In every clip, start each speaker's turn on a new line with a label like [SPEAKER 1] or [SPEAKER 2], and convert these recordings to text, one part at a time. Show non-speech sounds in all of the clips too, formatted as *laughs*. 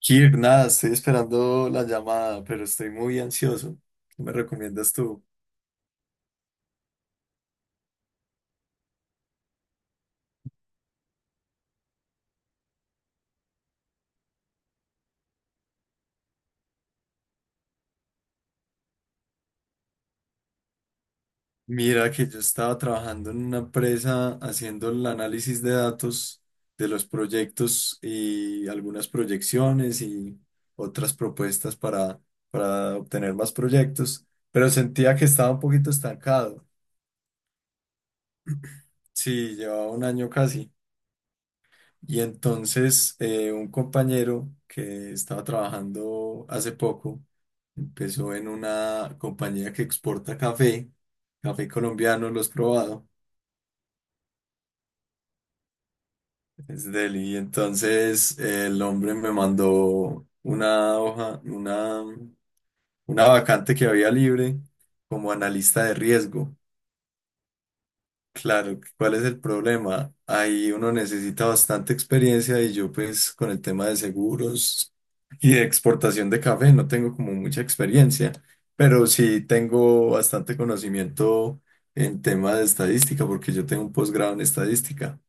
[SPEAKER 1] Kir, nada, estoy esperando la llamada, pero estoy muy ansioso. ¿Qué me recomiendas tú? Mira que yo estaba trabajando en una empresa haciendo el análisis de datos de los proyectos y algunas proyecciones y otras propuestas para obtener más proyectos, pero sentía que estaba un poquito estancado. Sí, llevaba un año casi. Y entonces un compañero que estaba trabajando hace poco empezó en una compañía que exporta café, café colombiano, lo has probado, es deli. Y entonces el hombre me mandó una hoja, una vacante que había libre como analista de riesgo. Claro, ¿cuál es el problema? Ahí uno necesita bastante experiencia y yo pues con el tema de seguros y de exportación de café no tengo como mucha experiencia, pero sí tengo bastante conocimiento en tema de estadística porque yo tengo un posgrado en estadística.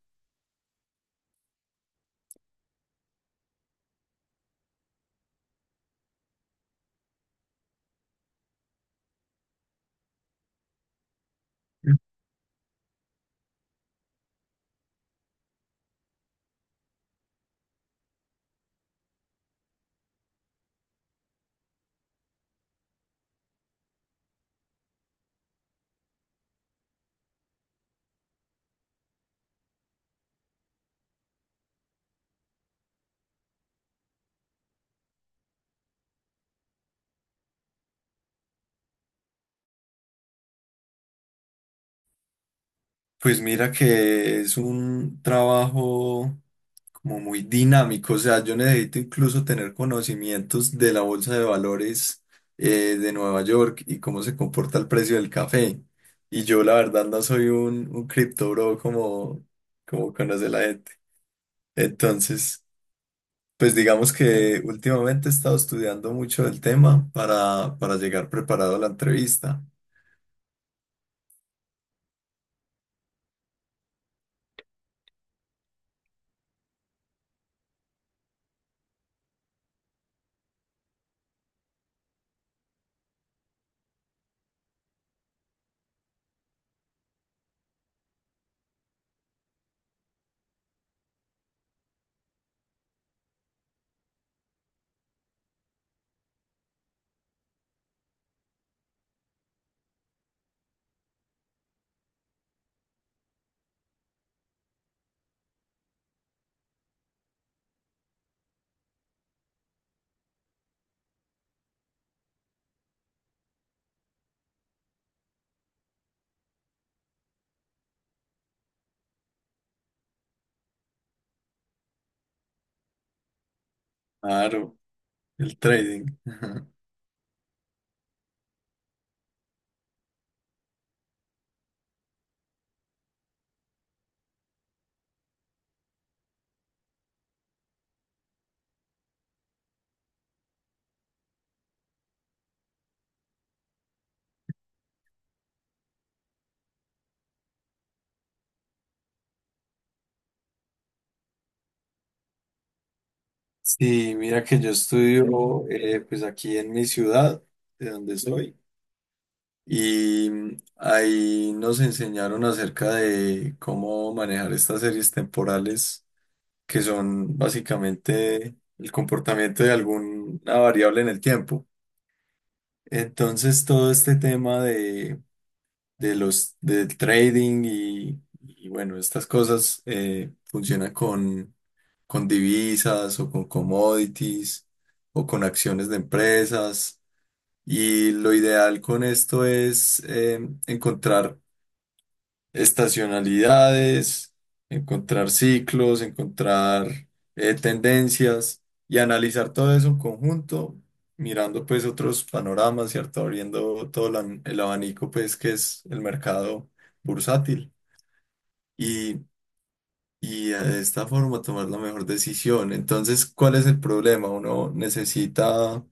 [SPEAKER 1] Pues mira que es un trabajo como muy dinámico. O sea, yo necesito incluso tener conocimientos de la bolsa de valores de Nueva York y cómo se comporta el precio del café. Y yo la verdad no soy un cripto bro como conoce la gente. Entonces, pues digamos que últimamente he estado estudiando mucho el tema para llegar preparado a la entrevista. Claro, el trading. *laughs* Sí, mira que yo estudio pues aquí en mi ciudad, de donde soy. Y ahí nos enseñaron acerca de cómo manejar estas series temporales, que son básicamente el comportamiento de alguna variable en el tiempo. Entonces, todo este tema de los del trading y, bueno, estas cosas funcionan con divisas o con commodities o con acciones de empresas. Y lo ideal con esto es encontrar estacionalidades, encontrar ciclos, encontrar tendencias y analizar todo eso en conjunto, mirando pues otros panoramas, ¿cierto? Abriendo el abanico pues que es el mercado bursátil y, y de esta forma tomar la mejor decisión. Entonces, ¿cuál es el problema? Uno necesita...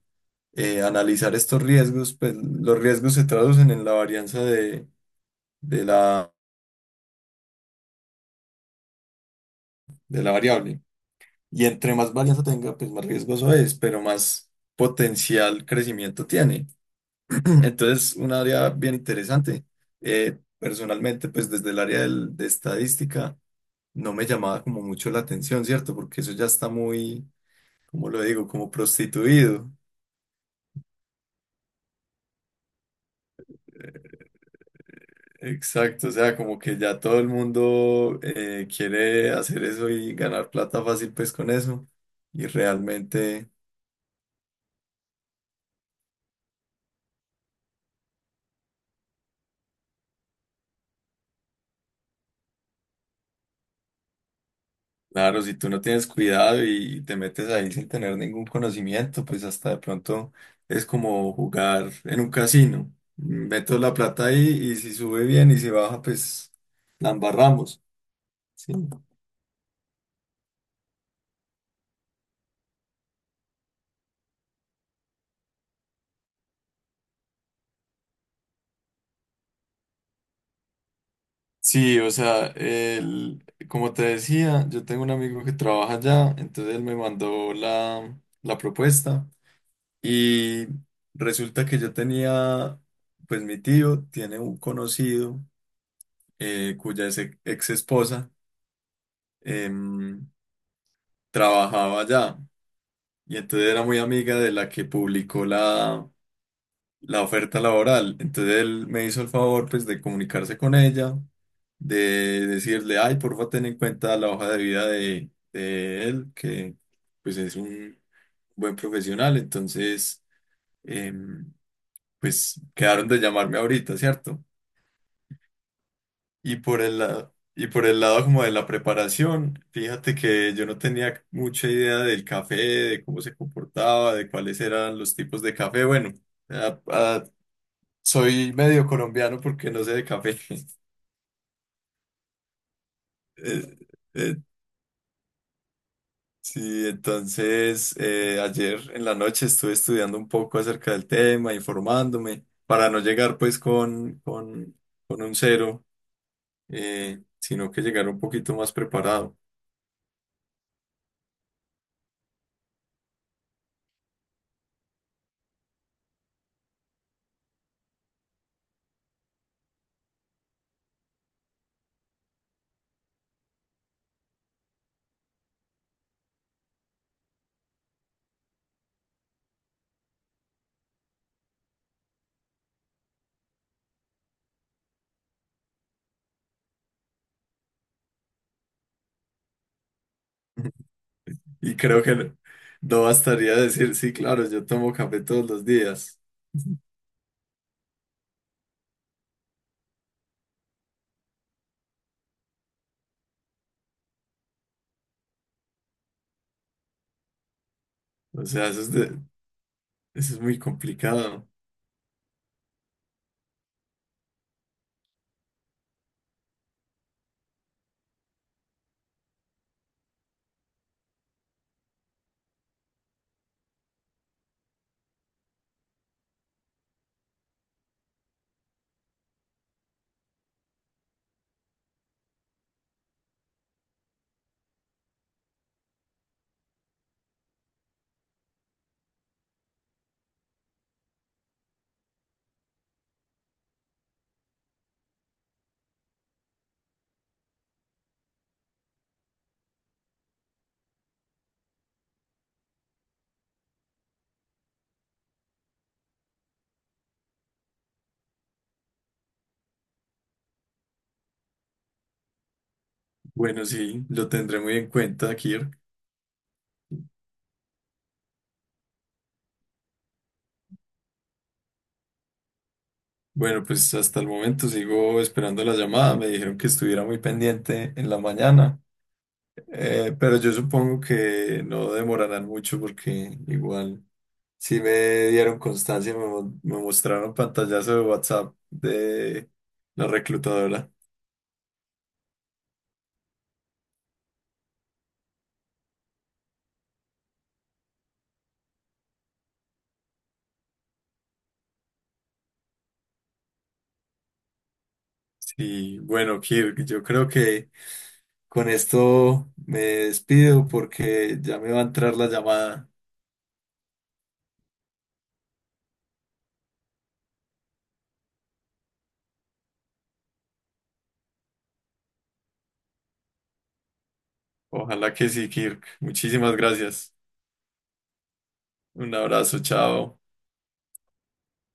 [SPEAKER 1] analizar estos riesgos, pues los riesgos se traducen en la varianza de la, de la variable. Y entre más varianza tenga, pues más riesgoso es, pero más potencial crecimiento tiene. *clears throat* Entonces, un área bien interesante. Personalmente, pues desde el área de estadística, no me llamaba como mucho la atención, ¿cierto? Porque eso ya está muy, ¿cómo lo digo? Como prostituido. Exacto, o sea, como que ya todo el mundo quiere hacer eso y ganar plata fácil, pues con eso. Y realmente... Claro, si tú no tienes cuidado y te metes ahí sin tener ningún conocimiento, pues hasta de pronto es como jugar en un casino. Meto la plata ahí y si sube bien y si baja, pues la embarramos. Sí, Sí, o sea, como te decía, yo tengo un amigo que trabaja allá, entonces él me mandó la propuesta y resulta que yo tenía, pues mi tío tiene un conocido cuya ex, esposa em, trabajaba allá y entonces era muy amiga de la que publicó la oferta laboral. Entonces él me hizo el favor pues de comunicarse con ella, de decirle, ay, porfa, ten en cuenta la hoja de vida de él, que pues es un buen profesional. Entonces, em, pues quedaron de llamarme ahorita, ¿cierto? Y por el lado, y por el lado como de la preparación, fíjate que yo no tenía mucha idea del café, de cómo se comportaba, de cuáles eran los tipos de café. Bueno, ah, ah, soy medio colombiano porque no sé de café. *laughs* Eh, eh, sí, entonces ayer en la noche estuve estudiando un poco acerca del tema, informándome, para no llegar pues con un cero, sino que llegar un poquito más preparado. *laughs* Y creo que no, no bastaría decir, sí, claro, yo tomo café todos los días. O sea, eso es muy complicado. Bueno, sí, lo tendré muy en cuenta, Kirk. Bueno, pues hasta el momento sigo esperando la llamada. Me dijeron que estuviera muy pendiente en la mañana. Pero yo supongo que no demorarán mucho porque igual sí me dieron constancia, me mostraron pantallazo de WhatsApp de la reclutadora. Sí, bueno, Kirk, yo creo que con esto me despido porque ya me va a entrar la llamada. Ojalá que sí, Kirk. Muchísimas gracias. Un abrazo, chao.